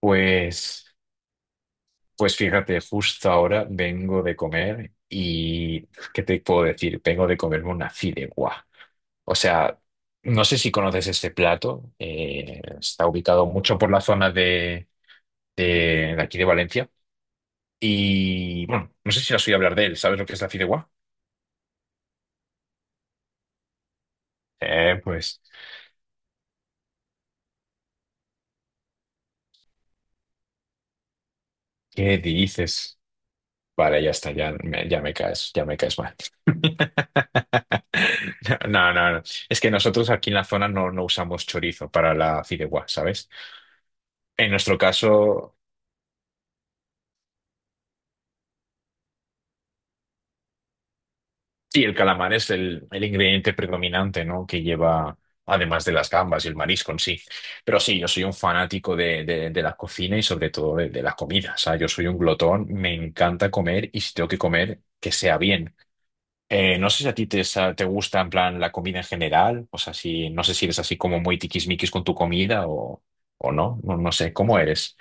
Pues, pues fíjate, justo ahora vengo de comer y ¿qué te puedo decir? Vengo de comerme una fideuá. O sea, no sé si conoces este plato. Está ubicado mucho por la zona de, de aquí de Valencia. Y bueno, no sé si has oído hablar de él. ¿Sabes lo que es la fideuá? Pues, ¿qué dices? Vale, ya está, ya me caes mal. No, no, no. Es que nosotros aquí en la zona no usamos chorizo para la fideuá, ¿sabes? En nuestro caso, sí, el calamar es el ingrediente predominante, ¿no? Que lleva, además de las gambas y el marisco en sí. Pero sí, yo soy un fanático de la cocina y sobre todo de la comida. O sea, yo soy un glotón, me encanta comer y si tengo que comer, que sea bien. No sé si a ti te gusta en plan la comida en general, o sea, si, no sé si eres así como muy tiquismiquis con tu comida o no, no, no sé, ¿cómo eres?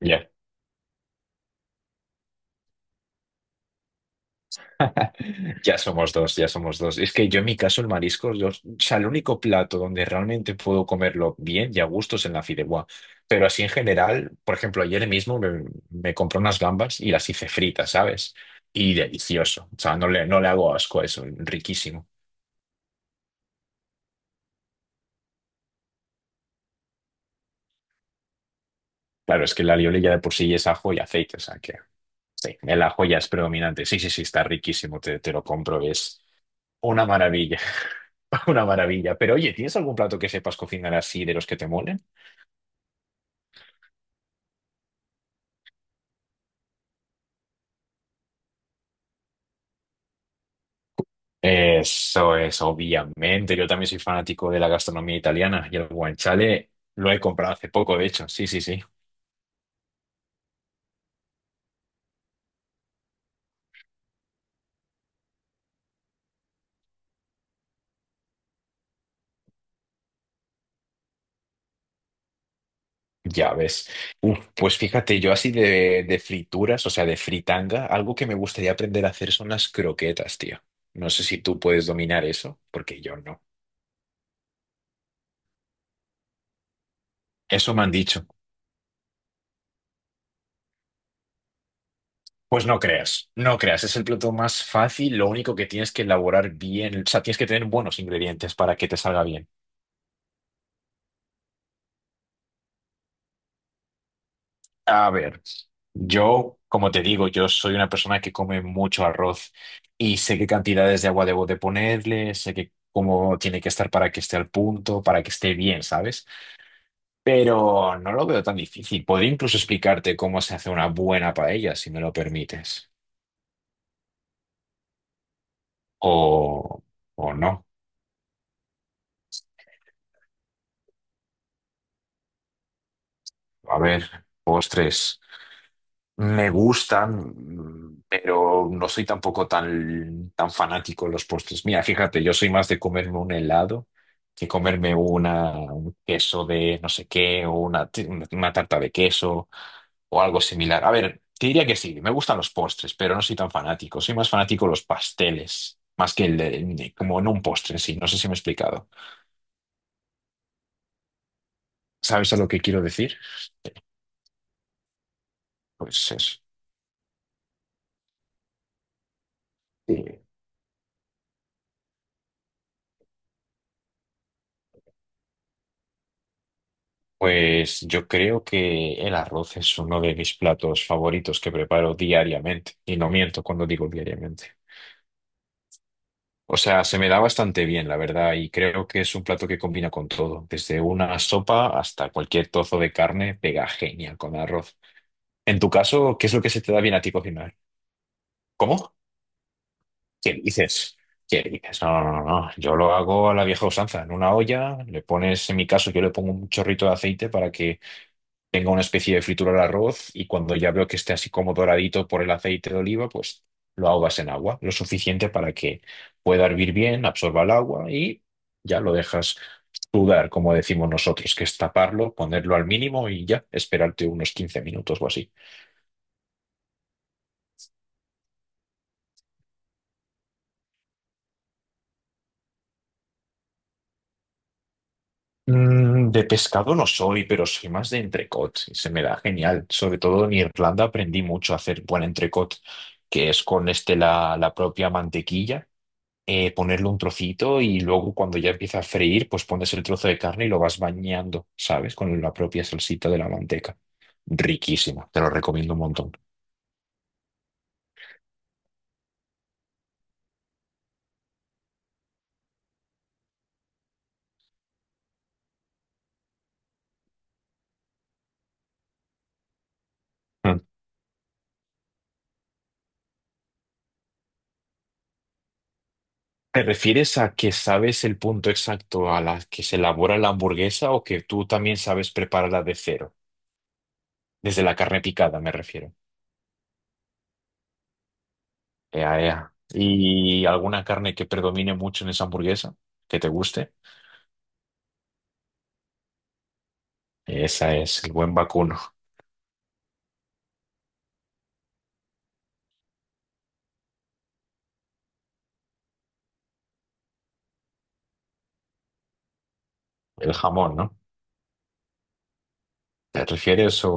Ya. Ya somos dos, ya somos dos. Es que yo en mi caso el marisco, o sea, el único plato donde realmente puedo comerlo bien y a gusto es en la fideuá. Pero así en general, por ejemplo, ayer mismo me compré unas gambas y las hice fritas, ¿sabes? Y delicioso. O sea, no le hago asco a eso, riquísimo. Claro, es que la alioli ya de por sí es ajo y aceite, o sea que sí, el ajo ya es predominante. Sí, sí, sí, está riquísimo, te lo compro, es una maravilla, una maravilla. Pero oye, ¿tienes algún plato que sepas cocinar así de los que te molen? Eso es, obviamente. Yo también soy fanático de la gastronomía italiana y el guanciale lo he comprado hace poco, de hecho. Sí, sí, sí. Ya ves. Uf, pues fíjate, yo así de frituras, o sea, de fritanga, algo que me gustaría aprender a hacer son las croquetas, tío. No sé si tú puedes dominar eso, porque yo no. Eso me han dicho. Pues no creas, no creas, es el plato más fácil, lo único que tienes que elaborar bien, o sea, tienes que tener buenos ingredientes para que te salga bien. A ver, yo, como te digo, yo soy una persona que come mucho arroz y sé qué cantidades de agua debo de ponerle, sé que cómo tiene que estar para que esté al punto, para que esté bien, ¿sabes? Pero no lo veo tan difícil. Podría incluso explicarte cómo se hace una buena paella, si me lo permites. O, o no. A ver, postres. Me gustan, pero no soy tampoco tan fanático de los postres. Mira, fíjate, yo soy más de comerme un helado que comerme un queso de no sé qué, o una tarta de queso o algo similar. A ver, te diría que sí, me gustan los postres, pero no soy tan fanático. Soy más fanático de los pasteles, más que como no un postre en sí. No sé si me he explicado. ¿Sabes a lo que quiero decir? Pues eso. Sí. Pues yo creo que el arroz es uno de mis platos favoritos que preparo diariamente, y no miento cuando digo diariamente. O sea, se me da bastante bien, la verdad, y creo que es un plato que combina con todo, desde una sopa hasta cualquier trozo de carne, pega genial con arroz. En tu caso, ¿qué es lo que se te da bien a ti cocinar? ¿Cómo? ¿Qué dices? ¿Qué dices? No, no, no, no. Yo lo hago a la vieja usanza, en una olla, le pones, en mi caso, yo le pongo un chorrito de aceite para que tenga una especie de fritura al arroz y cuando ya veo que esté así como doradito por el aceite de oliva, pues lo ahogas en agua, lo suficiente para que pueda hervir bien, absorba el agua y ya lo dejas sudar, como decimos nosotros, que es taparlo, ponerlo al mínimo y ya esperarte unos 15 minutos o así. De pescado no soy, pero soy más de entrecot y se me da genial. Sobre todo en Irlanda aprendí mucho a hacer buen entrecot, que es con este la propia mantequilla, ponerle un trocito y luego cuando ya empieza a freír, pues pones el trozo de carne y lo vas bañando, ¿sabes? Con la propia salsita de la manteca. Riquísima, te lo recomiendo un montón. Mm. ¿Te refieres a que sabes el punto exacto a la que se elabora la hamburguesa o que tú también sabes prepararla de cero? Desde la carne picada, me refiero. Ea, ea. ¿Y alguna carne que predomine mucho en esa hamburguesa? ¿Que te guste? Esa es el buen vacuno, el jamón, ¿no? ¿Te refieres o...?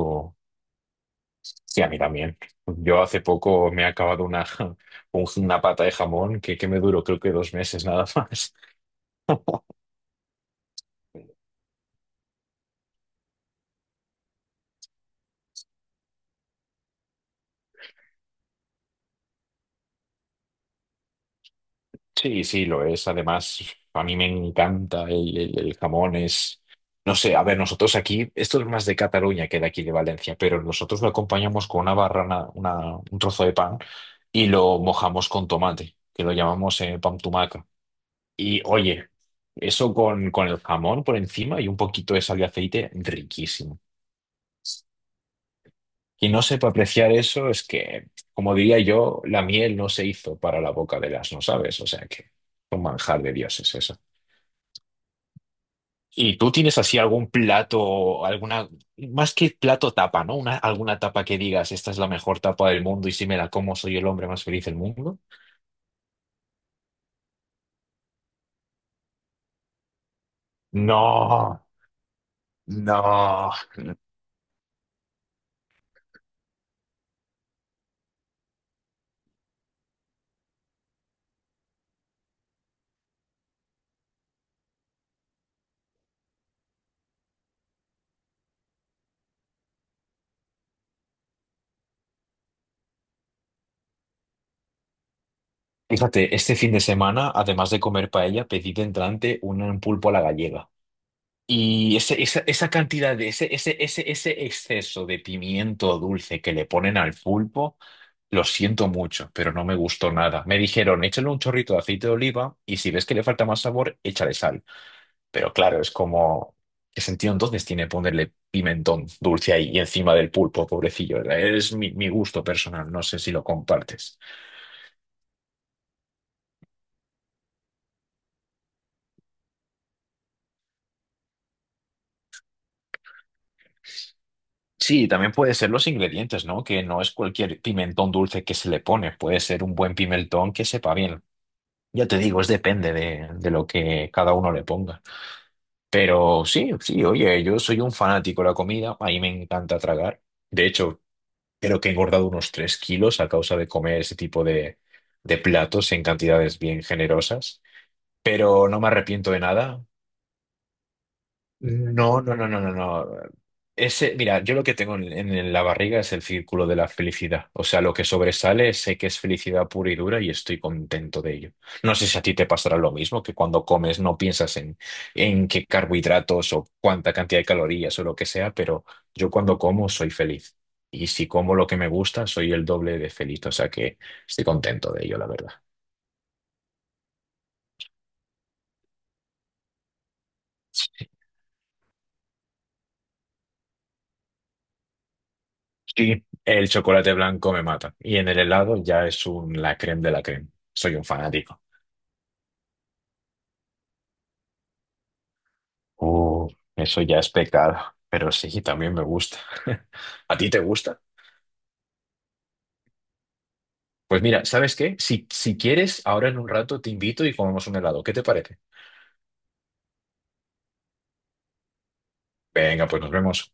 Sí, a mí también. Yo hace poco me he acabado una pata de jamón que me duró creo que 2 meses nada más. Sí, sí, lo es. Además, a mí me encanta el jamón. Es, no sé, a ver, nosotros aquí, esto es más de Cataluña que de aquí de Valencia, pero nosotros lo acompañamos con una barrana, un trozo de pan y lo mojamos con tomate, que lo llamamos pan tumaca. Y oye, eso con, el jamón por encima y un poquito de sal y aceite, riquísimo. Quien no sepa apreciar eso es que, como diría yo, la miel no se hizo para la boca del asno, ¿sabes? O sea que un manjar de dioses eso. ¿Y tú tienes así algún plato, alguna, más que plato tapa, ¿no? Alguna tapa que digas, esta es la mejor tapa del mundo y si me la como soy el hombre más feliz del mundo? No, no. Fíjate, este fin de semana, además de comer paella, pedí de entrante un pulpo a la gallega. Y esa cantidad de ese exceso de pimiento dulce que le ponen al pulpo, lo siento mucho, pero no me gustó nada. Me dijeron, échale un chorrito de aceite de oliva y si ves que le falta más sabor, échale sal. Pero claro, es como, ¿qué sentido entonces tiene ponerle pimentón dulce ahí y encima del pulpo, pobrecillo? Es mi gusto personal, no sé si lo compartes. Sí, también puede ser los ingredientes, ¿no? Que no es cualquier pimentón dulce que se le pone, puede ser un buen pimentón que sepa bien. Ya te digo, es depende de lo que cada uno le ponga. Pero sí, sí, oye, yo soy un fanático de la comida, a mí me encanta tragar. De hecho, creo que he engordado unos 3 kilos a causa de comer ese tipo de platos en cantidades bien generosas. Pero no me arrepiento de nada. No, no, no, no, no, no. Ese, mira, yo lo que tengo en, la barriga es el círculo de la felicidad. O sea, lo que sobresale sé que es felicidad pura y dura y estoy contento de ello. No sé si a ti te pasará lo mismo, que cuando comes no piensas en qué carbohidratos o cuánta cantidad de calorías o lo que sea, pero yo cuando como soy feliz. Y si como lo que me gusta, soy el doble de feliz. O sea que estoy contento de ello, la verdad. Y el chocolate blanco me mata. Y en el helado ya es un la creme de la creme. Soy un fanático. Uh, Eso ya es pecado. Pero sí, también me gusta. ¿A ti te gusta? Pues mira, ¿sabes qué? Si quieres, ahora en un rato te invito y comemos un helado. ¿Qué te parece? Venga, pues nos vemos.